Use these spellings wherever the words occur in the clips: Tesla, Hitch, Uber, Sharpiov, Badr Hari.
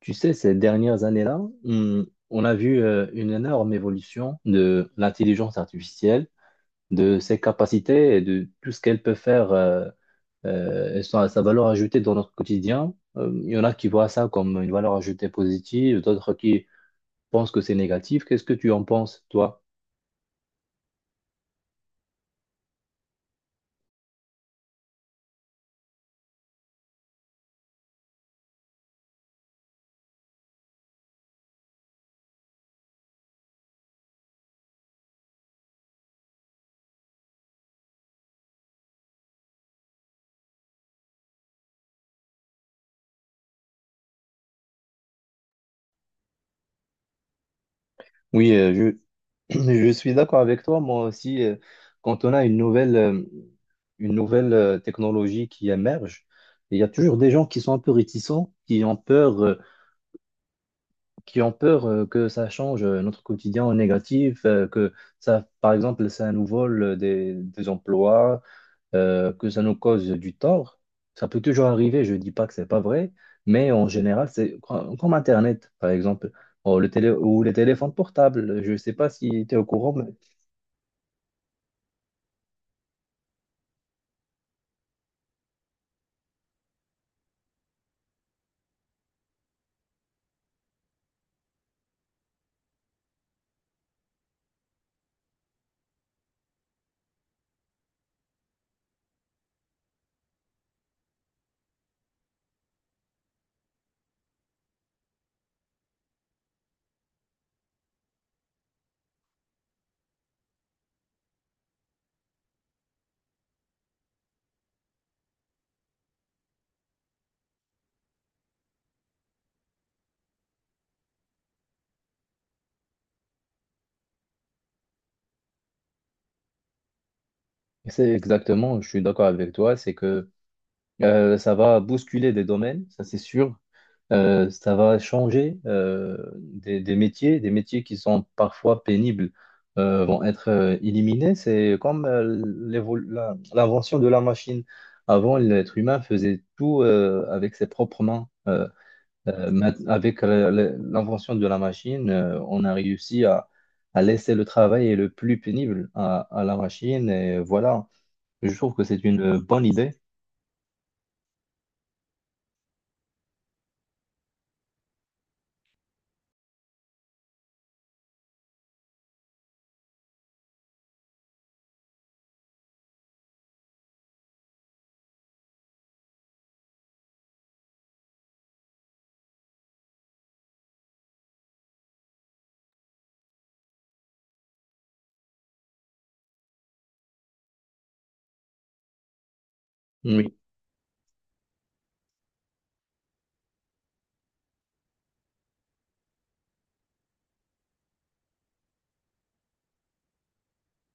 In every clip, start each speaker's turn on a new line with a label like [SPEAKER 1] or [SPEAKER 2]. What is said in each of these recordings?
[SPEAKER 1] Tu sais, ces dernières années-là, on a vu une énorme évolution de l'intelligence artificielle, de ses capacités et de tout ce qu'elle peut faire et sa valeur ajoutée dans notre quotidien. Il y en a qui voient ça comme une valeur ajoutée positive, d'autres qui pensent que c'est négatif. Qu'est-ce que tu en penses, toi? Oui, euh, je, Je suis d'accord avec toi. Moi aussi, quand on a une nouvelle technologie qui émerge, il y a toujours des gens qui sont un peu réticents, qui ont peur que ça change notre quotidien en négatif, que ça, par exemple, ça nous vole des emplois, que ça nous cause du tort. Ça peut toujours arriver. Je dis pas que c'est pas vrai, mais en général, comme Internet, par exemple. Oh, le télé ou les téléphones portables. Je ne sais pas si tu es au courant. C'est exactement, je suis d'accord avec toi, c'est que ça va bousculer des domaines, ça c'est sûr. Ça va changer des métiers qui sont parfois pénibles vont être éliminés. C'est comme l'invention de la machine. Avant, l'être humain faisait tout avec ses propres mains. Avec l'invention de la machine, on a réussi à laisser le travail et le plus pénible à la machine. Et voilà. Je trouve que c'est une bonne idée. Oui.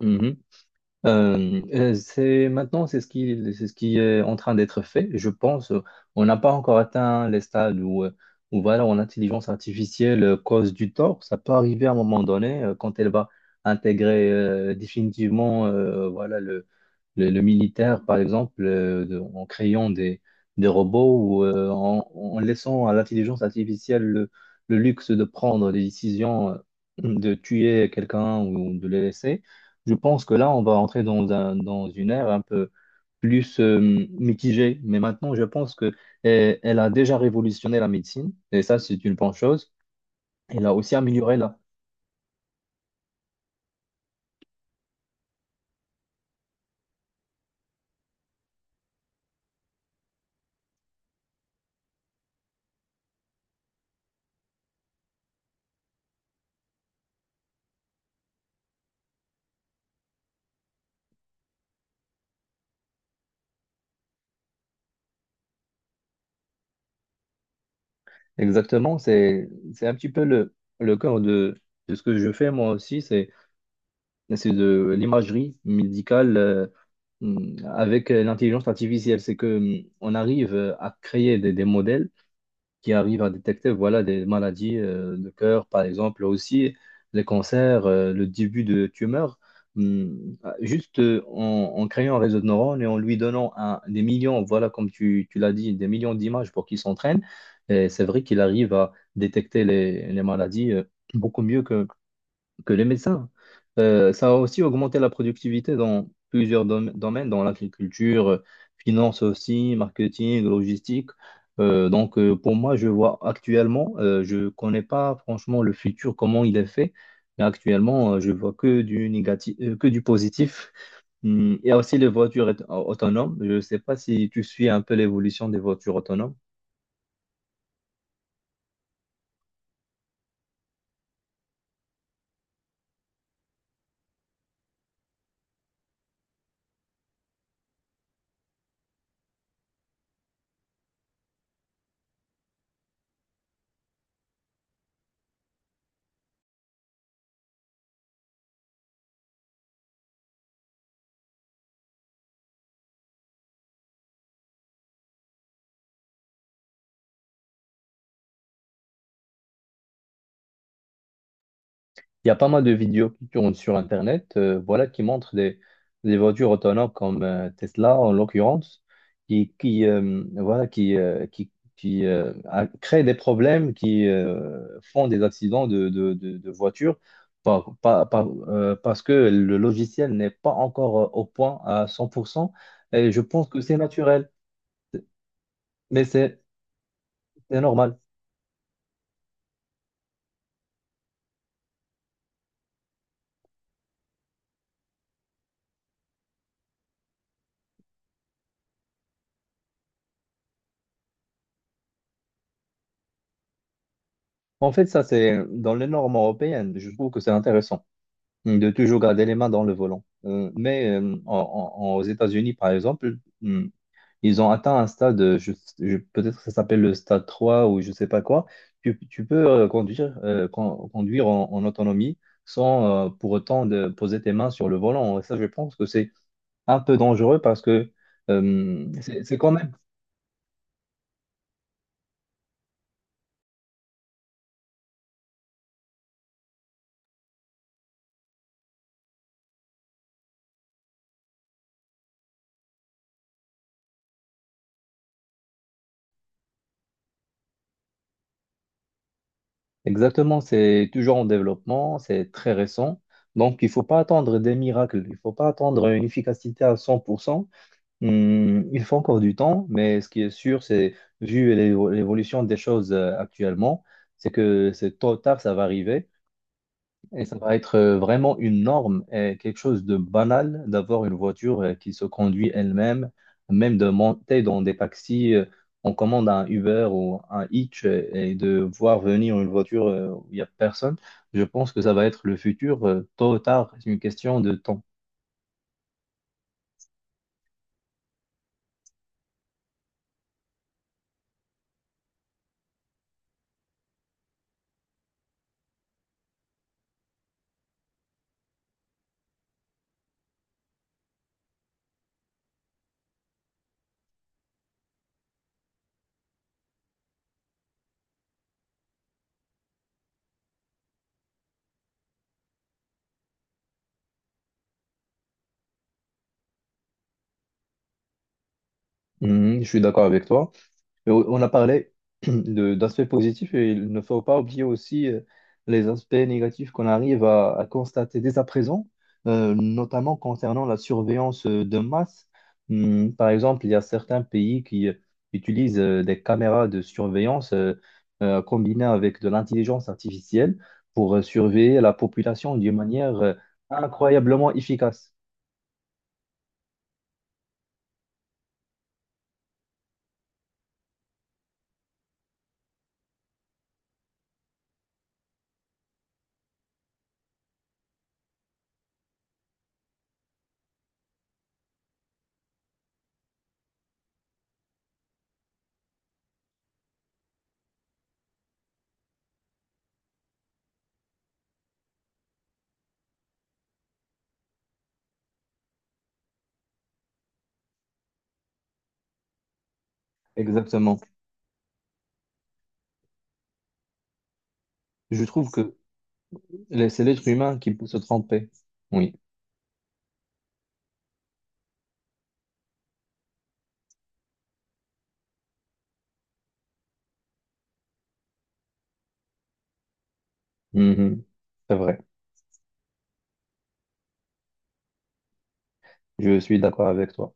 [SPEAKER 1] Mhm. C'est maintenant, c'est ce qui est en train d'être fait. Je pense, on n'a pas encore atteint les stades où, où voilà, où l'intelligence artificielle cause du tort. Ça peut arriver à un moment donné quand elle va intégrer définitivement, voilà, le militaire, par exemple, en créant des robots ou en laissant à l'intelligence artificielle le luxe de prendre des décisions, de tuer quelqu'un ou de le laisser. Je pense que là, on va entrer dans un, dans une ère un peu plus mitigée. Mais maintenant, je pense que elle a déjà révolutionné la médecine. Et ça, c'est une bonne chose. Elle a aussi amélioré là. Exactement. C'est un petit peu le cœur de ce que je fais moi aussi. C'est de l'imagerie médicale avec l'intelligence artificielle. C'est que on arrive à créer des modèles qui arrivent à détecter voilà, des maladies de cœur, par exemple, aussi les cancers, le début de tumeurs. Ah, juste en créant un réseau de neurones et en lui donnant des millions, voilà, comme tu l'as dit, des millions d'images pour qu'il s'entraîne. Et c'est vrai qu'il arrive à détecter les maladies beaucoup mieux que les médecins. Ça a aussi augmenté la productivité dans plusieurs domaines, dans l'agriculture, finance aussi, marketing, logistique. Pour moi, je vois actuellement, je connais pas franchement le futur, comment il est fait, mais actuellement, je vois que du négatif, que du positif. Il y a aussi les voitures autonomes. Je ne sais pas si tu suis un peu l'évolution des voitures autonomes. Il y a pas mal de vidéos qui tournent sur Internet, voilà, qui montrent des voitures autonomes comme Tesla, en l'occurrence, qui, voilà, qui a- créent des problèmes, qui font des accidents de voitures parce que le logiciel n'est pas encore au point à 100%. Et je pense que c'est naturel, mais c'est normal. En fait, ça, c'est dans les normes européennes. Je trouve que c'est intéressant de toujours garder les mains dans le volant. Mais aux États-Unis, par exemple, ils ont atteint un stade, peut-être que ça s'appelle le stade 3 ou je ne sais pas quoi. Tu peux conduire en autonomie sans pour autant de poser tes mains sur le volant. Et ça, je pense que c'est un peu dangereux parce que c'est quand même, exactement, c'est toujours en développement, c'est très récent. Donc, il ne faut pas attendre des miracles, il ne faut pas attendre une efficacité à 100%. Hmm, il faut encore du temps, mais ce qui est sûr, c'est, vu l'évolution des choses actuellement, c'est que c'est tôt ou tard, ça va arriver et ça va être vraiment une norme et quelque chose de banal d'avoir une voiture qui se conduit elle-même, même de monter dans des taxis. On commande un Uber ou un Hitch et de voir venir une voiture où il n'y a personne. Je pense que ça va être le futur, tôt ou tard, c'est une question de temps. Hmm, je suis d'accord avec toi. Mais on a parlé d'aspects positifs et il ne faut pas oublier aussi les aspects négatifs qu'on arrive à constater dès à présent, notamment concernant la surveillance de masse. Hmm, par exemple, il y a certains pays qui utilisent des caméras de surveillance combinées avec de l'intelligence artificielle pour surveiller la population d'une manière incroyablement efficace. Exactement. Je trouve que c'est l'être humain qui peut se tromper. Oui. Mhm. C'est vrai, je suis d'accord avec toi.